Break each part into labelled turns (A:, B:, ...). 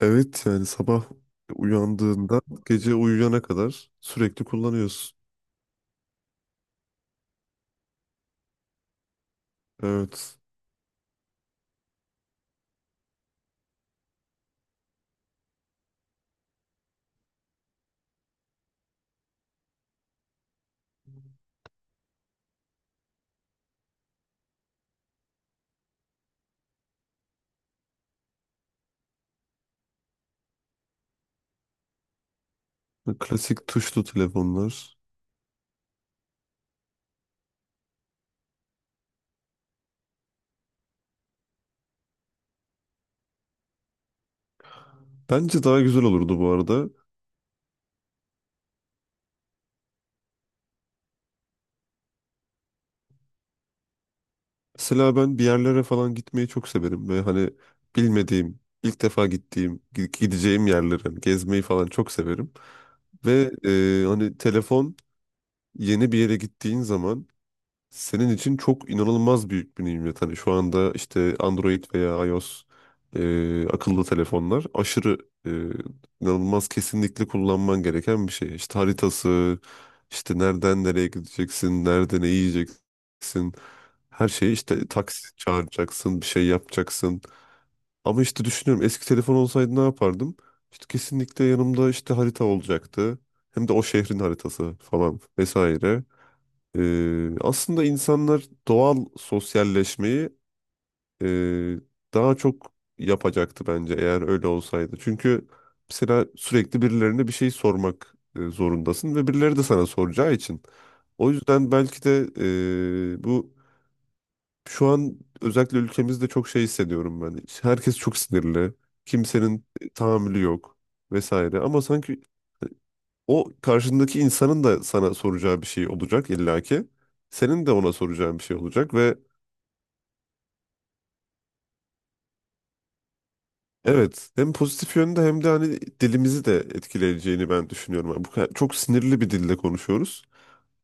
A: Evet yani sabah uyandığında gece uyuyana kadar sürekli kullanıyorsun. Evet. Klasik tuşlu telefonlar. Bence daha güzel olurdu bu arada. Mesela ben bir yerlere falan gitmeyi çok severim ve hani bilmediğim, ilk defa gittiğim, gideceğim yerleri hani gezmeyi falan çok severim. Ve hani telefon yeni bir yere gittiğin zaman senin için çok inanılmaz büyük bir nimet. Hani şu anda işte Android veya iOS akıllı telefonlar aşırı e, inanılmaz kesinlikle kullanman gereken bir şey. İşte haritası, işte nereden nereye gideceksin, nerede ne yiyeceksin. Her şeyi işte taksi çağıracaksın, bir şey yapacaksın. Ama işte düşünüyorum eski telefon olsaydı ne yapardım? İşte kesinlikle yanımda işte harita olacaktı. Hem de o şehrin haritası falan vesaire. Aslında insanlar doğal sosyalleşmeyi e, daha çok yapacaktı bence eğer öyle olsaydı. Çünkü mesela sürekli birilerine bir şey sormak zorundasın ve birileri de sana soracağı için. O yüzden belki de bu şu an özellikle ülkemizde çok şey hissediyorum ben. Herkes çok sinirli, kimsenin tahammülü yok vesaire. Ama sanki o karşındaki insanın da sana soracağı bir şey olacak illaki. Senin de ona soracağın bir şey olacak ve evet, hem pozitif yönde hem de hani dilimizi de etkileyeceğini ben düşünüyorum. Yani çok sinirli bir dilde konuşuyoruz.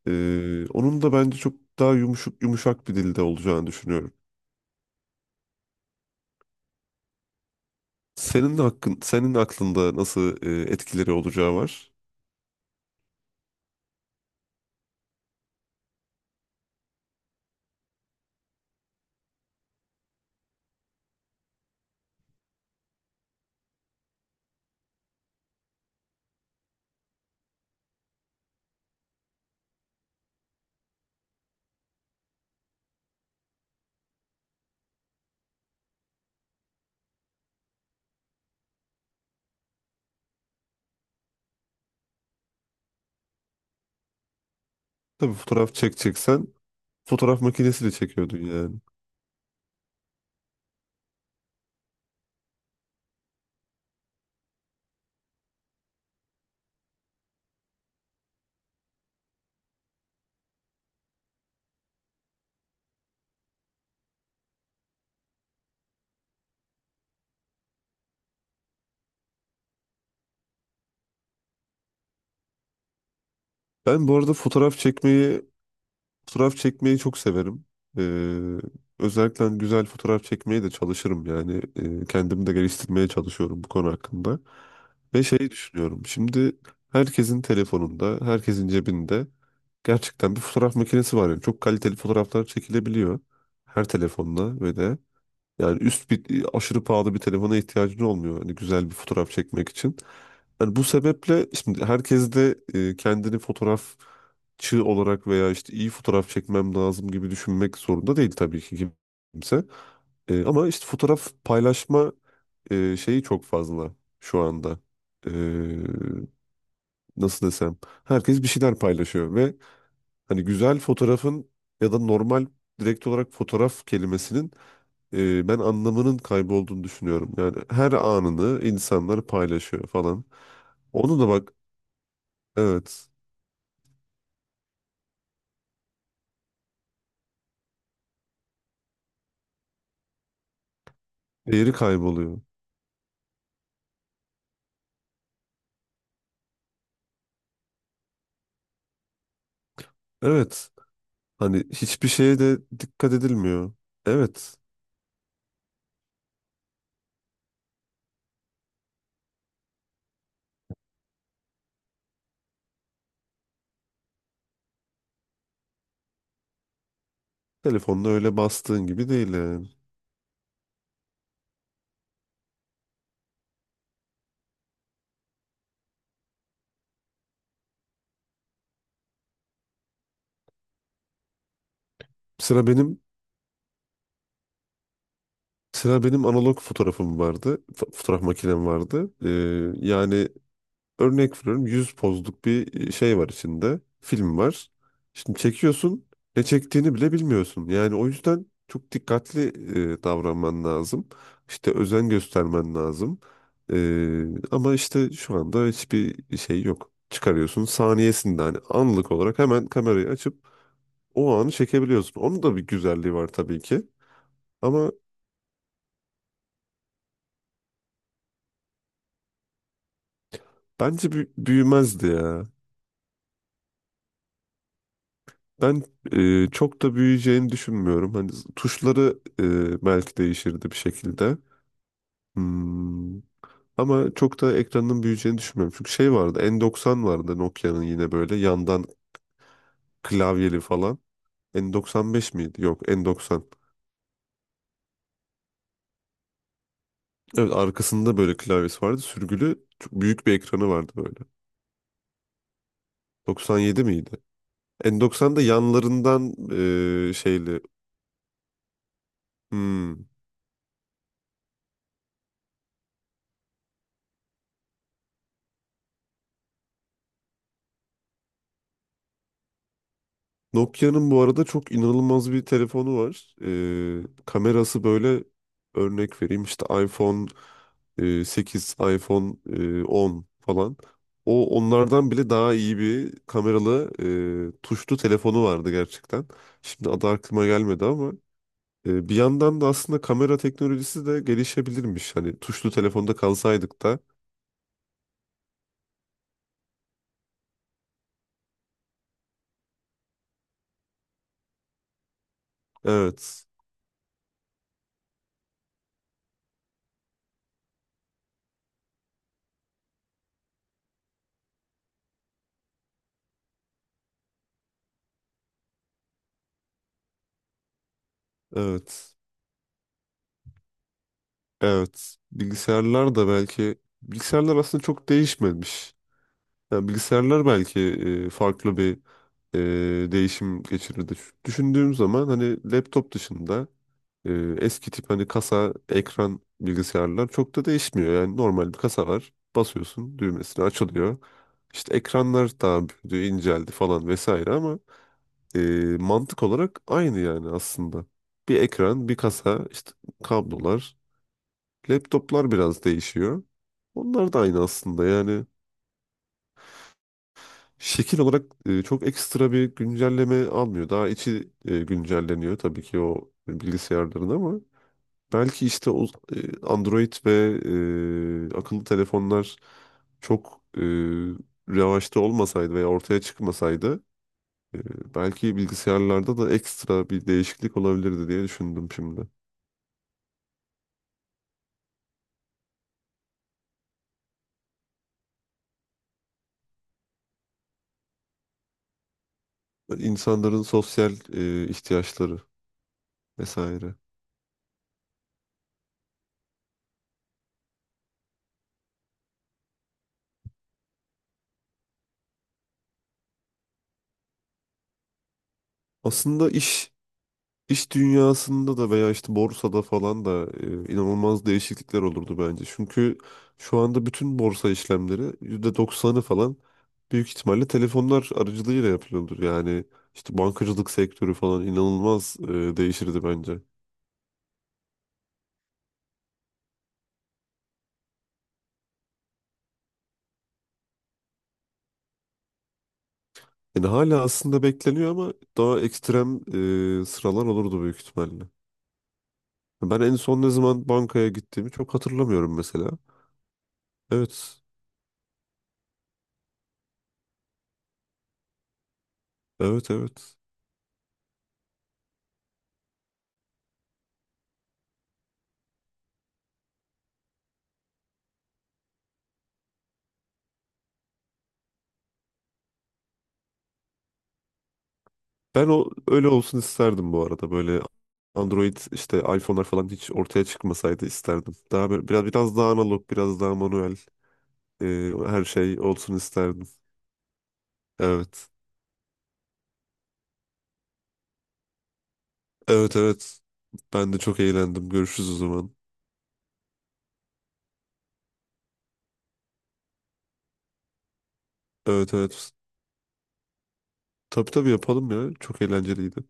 A: Onun da bence çok daha yumuşak yumuşak bir dilde olacağını düşünüyorum. Senin hakkın, senin aklında nasıl etkileri olacağı var. Tabii fotoğraf çekeceksen fotoğraf makinesiyle çekiyordun yani. Ben bu arada fotoğraf çekmeyi çok severim. Ee, özellikle hani güzel fotoğraf çekmeye de çalışırım yani. Kendimi de geliştirmeye çalışıyorum bu konu hakkında. Ve şeyi düşünüyorum. Şimdi herkesin telefonunda, herkesin cebinde gerçekten bir fotoğraf makinesi var. Yani çok kaliteli fotoğraflar çekilebiliyor. Her telefonla ve de. Yani üst bir aşırı pahalı bir telefona ihtiyacın olmuyor. Hani güzel bir fotoğraf çekmek için. Yani bu sebeple şimdi herkes de kendini fotoğrafçı olarak veya işte iyi fotoğraf çekmem lazım gibi düşünmek zorunda değil tabii ki kimse. Ama işte fotoğraf paylaşma şeyi çok fazla şu anda. E, nasıl desem? Herkes bir şeyler paylaşıyor ve hani güzel fotoğrafın ya da normal direkt olarak fotoğraf kelimesinin ben anlamının kaybolduğunu düşünüyorum. Yani her anını insanlar paylaşıyor falan. Onu da bak, evet, değeri kayboluyor. Evet, hani hiçbir şeye de dikkat edilmiyor. Evet, telefonda öyle bastığın gibi değil yani. Sıra benim Sıra benim analog fotoğrafım vardı. Fotoğraf makinem vardı. Yani örnek veriyorum 100 pozluk bir şey var içinde. Film var. Şimdi çekiyorsun ne çektiğini bile bilmiyorsun. Yani o yüzden çok dikkatli davranman lazım. İşte özen göstermen lazım. E, ama işte şu anda hiçbir şey yok. Çıkarıyorsun saniyesinde hani anlık olarak hemen kamerayı açıp o anı çekebiliyorsun. Onun da bir güzelliği var tabii ki. Ama bence büyümezdi ya. Ben çok da büyüyeceğini düşünmüyorum. Hani tuşları belki değişirdi bir şekilde. Hmm, Ama çok da ekranın büyüyeceğini düşünmüyorum. Çünkü şey vardı, N90 vardı Nokia'nın yine böyle yandan klavyeli falan. N95 miydi? Yok, N90. Evet, arkasında böyle klavyesi vardı. Sürgülü çok büyük bir ekranı vardı böyle. 97 miydi? N90'da yanlarından şeyli hmm, Nokia'nın bu arada çok inanılmaz bir telefonu var. Kamerası böyle örnek vereyim işte iPhone 8, iPhone 10 falan. O onlardan bile daha iyi bir kameralı tuşlu telefonu vardı gerçekten. Şimdi adı aklıma gelmedi ama bir yandan da aslında kamera teknolojisi de gelişebilirmiş. Hani tuşlu telefonda kalsaydık da. Evet, evet, evet. Bilgisayarlar da belki bilgisayarlar aslında çok değişmemiş. Yani bilgisayarlar belki farklı bir değişim geçirirdi. Düşündüğüm zaman hani laptop dışında e, eski tip hani kasa, ekran bilgisayarlar çok da değişmiyor. Yani normal bir kasa var. Basıyorsun düğmesine açılıyor. İşte ekranlar daha büyüdü, inceldi falan vesaire ama e, mantık olarak aynı yani aslında. Bir ekran, bir kasa, işte kablolar, laptoplar biraz değişiyor. Onlar da aynı aslında yani şekil olarak çok ekstra bir güncelleme almıyor. Daha içi güncelleniyor tabii ki o bilgisayarların ama belki işte o Android ve akıllı telefonlar çok revaçta olmasaydı veya ortaya çıkmasaydı e, belki bilgisayarlarda da ekstra bir değişiklik olabilirdi diye düşündüm şimdi. İnsanların sosyal ihtiyaçları vesaire. Aslında iş dünyasında da veya işte borsada falan da inanılmaz değişiklikler olurdu bence. Çünkü şu anda bütün borsa işlemleri %90'ı falan büyük ihtimalle telefonlar aracılığıyla yapılıyordur. Yani işte bankacılık sektörü falan inanılmaz değişirdi bence. Yani hala aslında bekleniyor ama daha ekstrem sıralar olurdu büyük ihtimalle. Ben en son ne zaman bankaya gittiğimi çok hatırlamıyorum mesela. Evet, evet, evet. Ben o öyle olsun isterdim bu arada. Böyle Android işte iPhone'lar falan hiç ortaya çıkmasaydı isterdim. Daha böyle, biraz biraz daha analog, biraz daha manuel her şey olsun isterdim. Evet. Evet, evet. Ben de çok eğlendim. Görüşürüz o zaman. Evet, evet. Tabii, tabii yapalım ya. Çok eğlenceliydi.